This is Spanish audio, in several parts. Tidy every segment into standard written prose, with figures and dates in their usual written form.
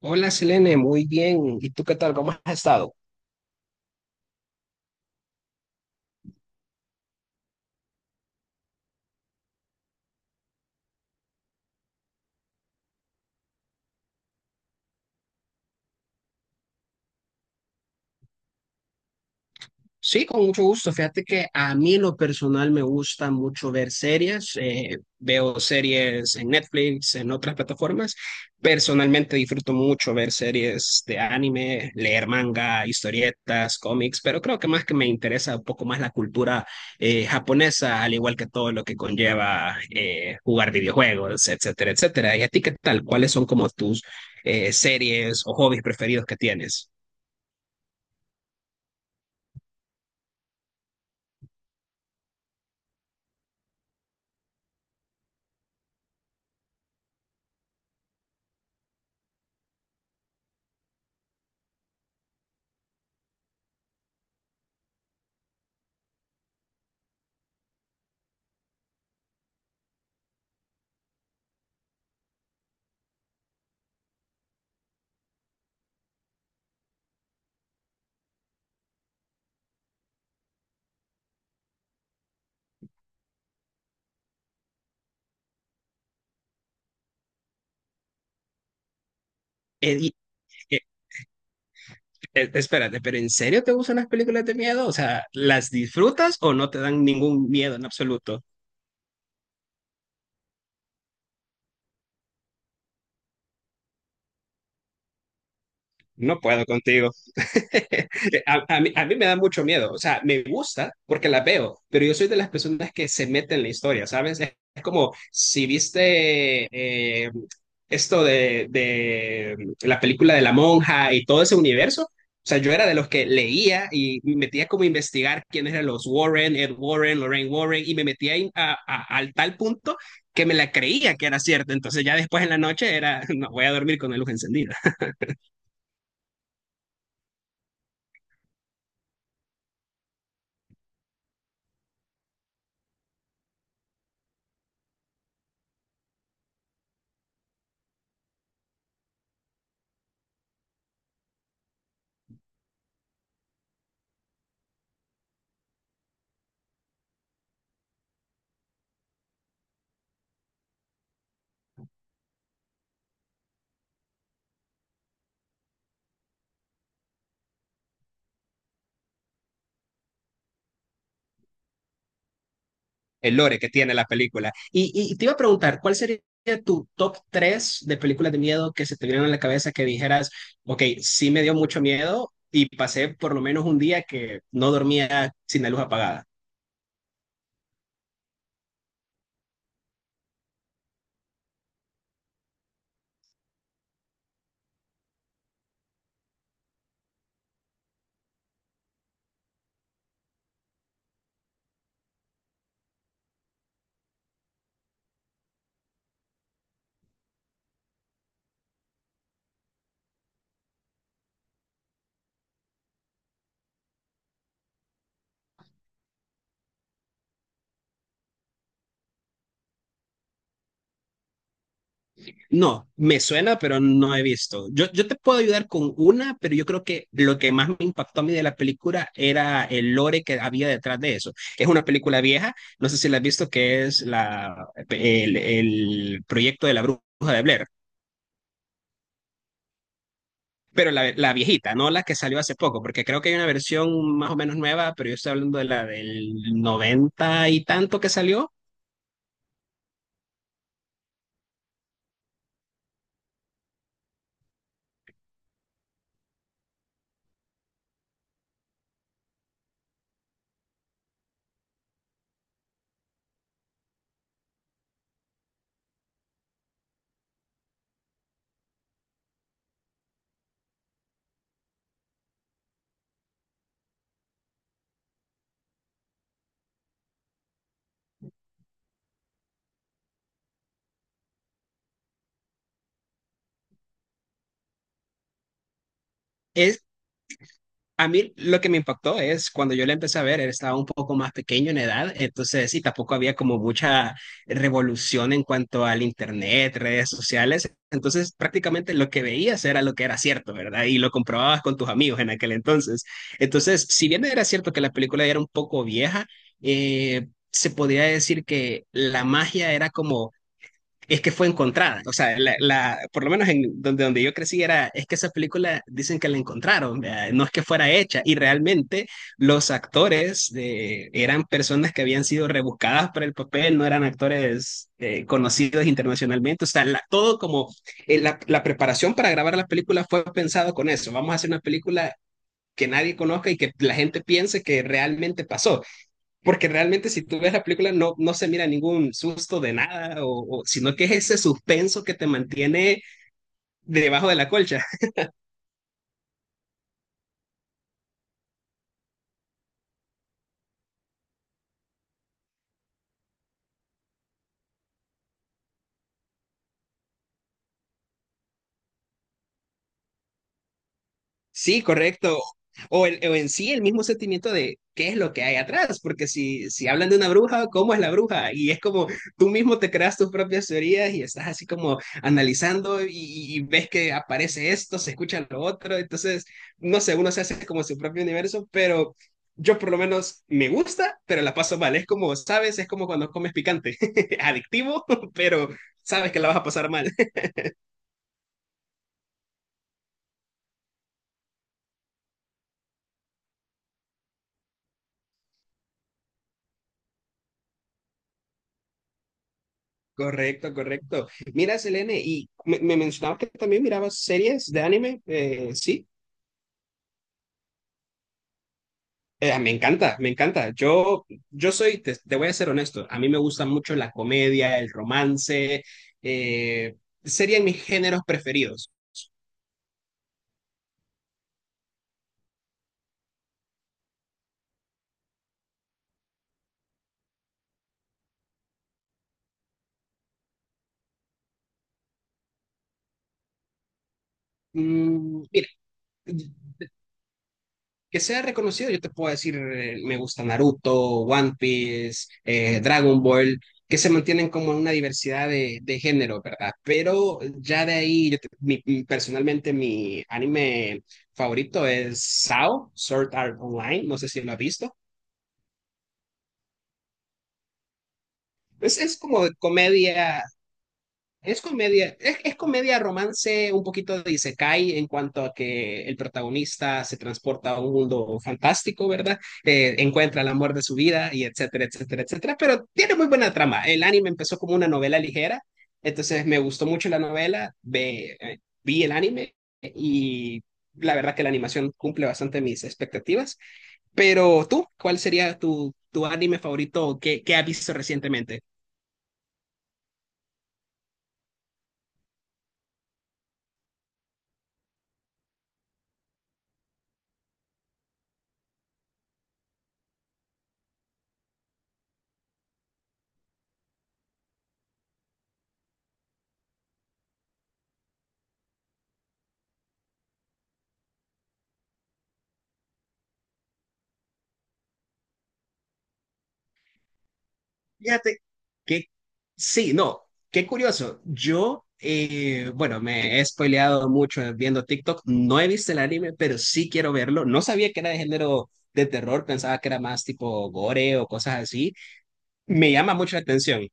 Hola Selene, muy bien. ¿Y tú qué tal? ¿Cómo has estado? Sí, con mucho gusto. Fíjate que a mí en lo personal me gusta mucho ver series. Veo series en Netflix, en otras plataformas. Personalmente disfruto mucho ver series de anime, leer manga, historietas, cómics, pero creo que más que me interesa un poco más la cultura japonesa, al igual que todo lo que conlleva jugar videojuegos, etcétera, etcétera. ¿Y a ti qué tal? ¿Cuáles son como tus series o hobbies preferidos que tienes? Eh, y- eh, espérate, pero ¿en serio te gustan las películas de miedo? O sea, ¿las disfrutas o no te dan ningún miedo en absoluto? No puedo contigo. A mí me da mucho miedo, o sea, me gusta porque la veo, pero yo soy de las personas que se meten en la historia, ¿sabes? Es como si viste esto de la película de la monja y todo ese universo, o sea, yo era de los que leía y me metía como a investigar quiénes eran los Warren, Ed Warren, Lorraine Warren, y me metía ahí al tal punto que me la creía que era cierto. Entonces ya después en la noche era, no, voy a dormir con la luz encendida. El lore que tiene la película. Y te iba a preguntar, ¿cuál sería tu top 3 de películas de miedo que se te vinieron a la cabeza que dijeras, ok, sí me dio mucho miedo y pasé por lo menos un día que no dormía sin la luz apagada? No, me suena, pero no he visto. Yo te puedo ayudar con una, pero yo creo que lo que más me impactó a mí de la película era el lore que había detrás de eso. Es una película vieja, no sé si la has visto, que es el proyecto de la bruja de Blair. Pero la viejita, no la que salió hace poco, porque creo que hay una versión más o menos nueva, pero yo estoy hablando de la del noventa y tanto que salió. A mí lo que me impactó es cuando yo la empecé a ver, él estaba un poco más pequeño en edad, entonces sí, tampoco había como mucha revolución en cuanto al internet, redes sociales, entonces prácticamente lo que veías era lo que era cierto, ¿verdad? Y lo comprobabas con tus amigos en aquel entonces. Entonces, si bien era cierto que la película ya era un poco vieja, se podía decir que la magia era como es que fue encontrada. O sea, por lo menos en donde, donde yo crecí era, es que esa película dicen que la encontraron, ¿verdad? No es que fuera hecha. Y realmente los actores de, eran personas que habían sido rebuscadas para el papel, no eran actores conocidos internacionalmente. O sea, la, todo como la, la preparación para grabar la película fue pensado con eso. Vamos a hacer una película que nadie conozca y que la gente piense que realmente pasó. Porque realmente si tú ves la película no, no se mira ningún susto de nada, o- sino que es ese suspenso que te mantiene debajo de la colcha. Sí, correcto. O, el- o en sí el mismo sentimiento de qué es lo que hay atrás, porque si, si hablan de una bruja, ¿cómo es la bruja? Y es como tú mismo te creas tus propias teorías y estás así como analizando y ves que aparece esto, se escucha lo otro, entonces, no sé, uno se hace como su propio universo, pero yo por lo menos me gusta, pero la paso mal. Es como, sabes, es como cuando comes picante, adictivo, pero sabes que la vas a pasar mal. Correcto, correcto. Mira, Selene, y me mencionabas que también mirabas series de anime, sí. Me encanta, me encanta. Yo soy, te voy a ser honesto, a mí me gusta mucho la comedia, el romance, eh, serían mis géneros preferidos. Mira, que sea reconocido. Yo te puedo decir, me gusta Naruto, One Piece, Dragon Ball, que se mantienen como en una diversidad de género, ¿verdad? Pero ya de ahí, yo te- mi- mi- personalmente mi anime favorito es SAO, Sword Art Online, no sé si lo has visto. Es como de comedia. Es comedia, es comedia romance, un poquito de isekai en cuanto a que el protagonista se transporta a un mundo fantástico, ¿verdad? Encuentra el amor de su vida y etcétera, etcétera, etcétera. Pero tiene muy buena trama. El anime empezó como una novela ligera, entonces me gustó mucho la novela, vi el anime y la verdad que la animación cumple bastante mis expectativas. Pero tú, ¿cuál sería tu anime favorito que has visto recientemente? Fíjate que sí, no, qué curioso. Yo, bueno, me he spoileado mucho viendo TikTok. No he visto el anime, pero sí quiero verlo. No sabía que era de género de terror, pensaba que era más tipo gore o cosas así. Me llama mucho la atención.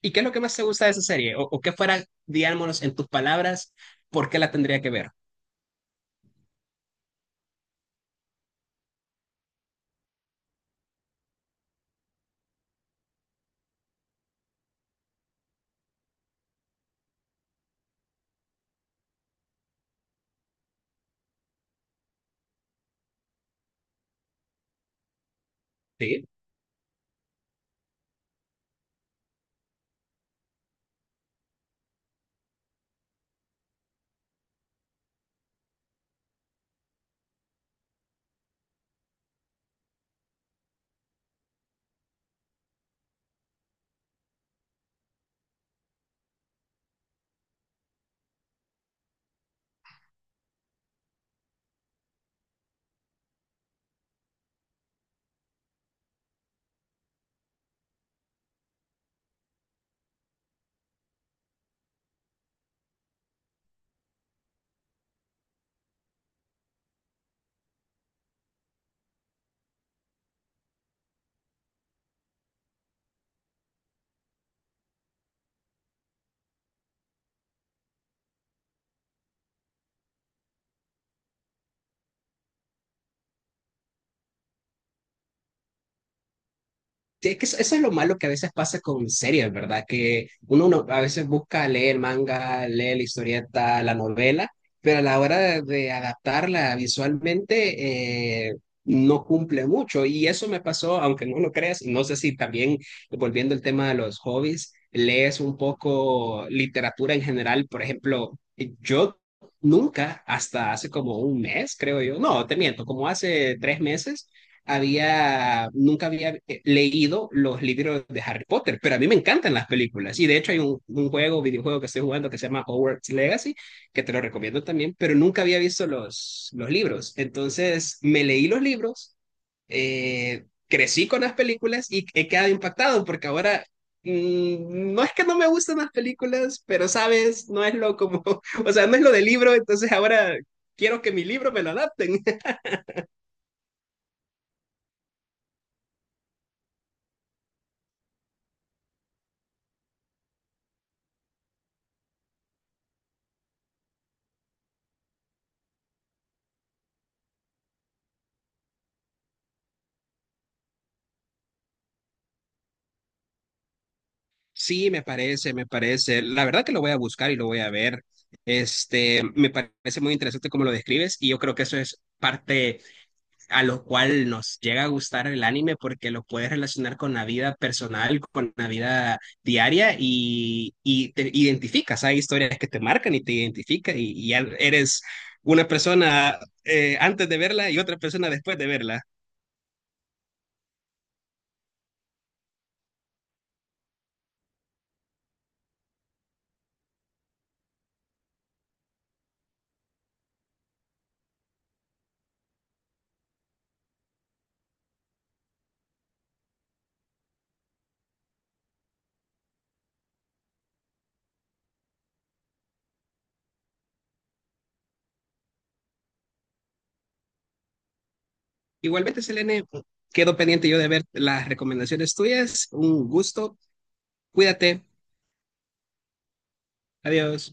¿Y qué es lo que más te gusta de esa serie? O qué fuera, digámonos, en tus palabras, por qué la tendría que ver? ¿Sí? Sí, es que eso es lo malo que a veces pasa con series, ¿verdad? Que uno, no- a veces busca leer manga, leer la historieta, la novela, pero a la hora de adaptarla visualmente no cumple mucho. Y eso me pasó, aunque no lo creas, y no sé si también, volviendo al tema de los hobbies, lees un poco literatura en general. Por ejemplo, yo nunca, hasta hace como 1 mes, creo yo, no, te miento, como hace 3 meses había, nunca había leído los libros de Harry Potter, pero a mí me encantan las películas. Y de hecho hay un juego, videojuego que estoy jugando que se llama Hogwarts Legacy, que te lo recomiendo también, pero nunca había visto los libros. Entonces me leí los libros, crecí con las películas y he quedado impactado porque ahora... no es que no me gustan las películas, pero sabes, no es lo como, o sea, no es lo del libro, entonces ahora quiero que mi libro me lo adapten. Sí, me parece, me parece. La verdad que lo voy a buscar y lo voy a ver. Este, me parece muy interesante cómo lo describes y yo creo que eso es parte a lo cual nos llega a gustar el anime porque lo puedes relacionar con la vida personal, con la vida diaria y te identificas. Hay historias que te marcan y te identifican y ya eres una persona antes de verla y otra persona después de verla. Igualmente, Selene, quedo pendiente yo de ver las recomendaciones tuyas. Un gusto. Cuídate. Adiós.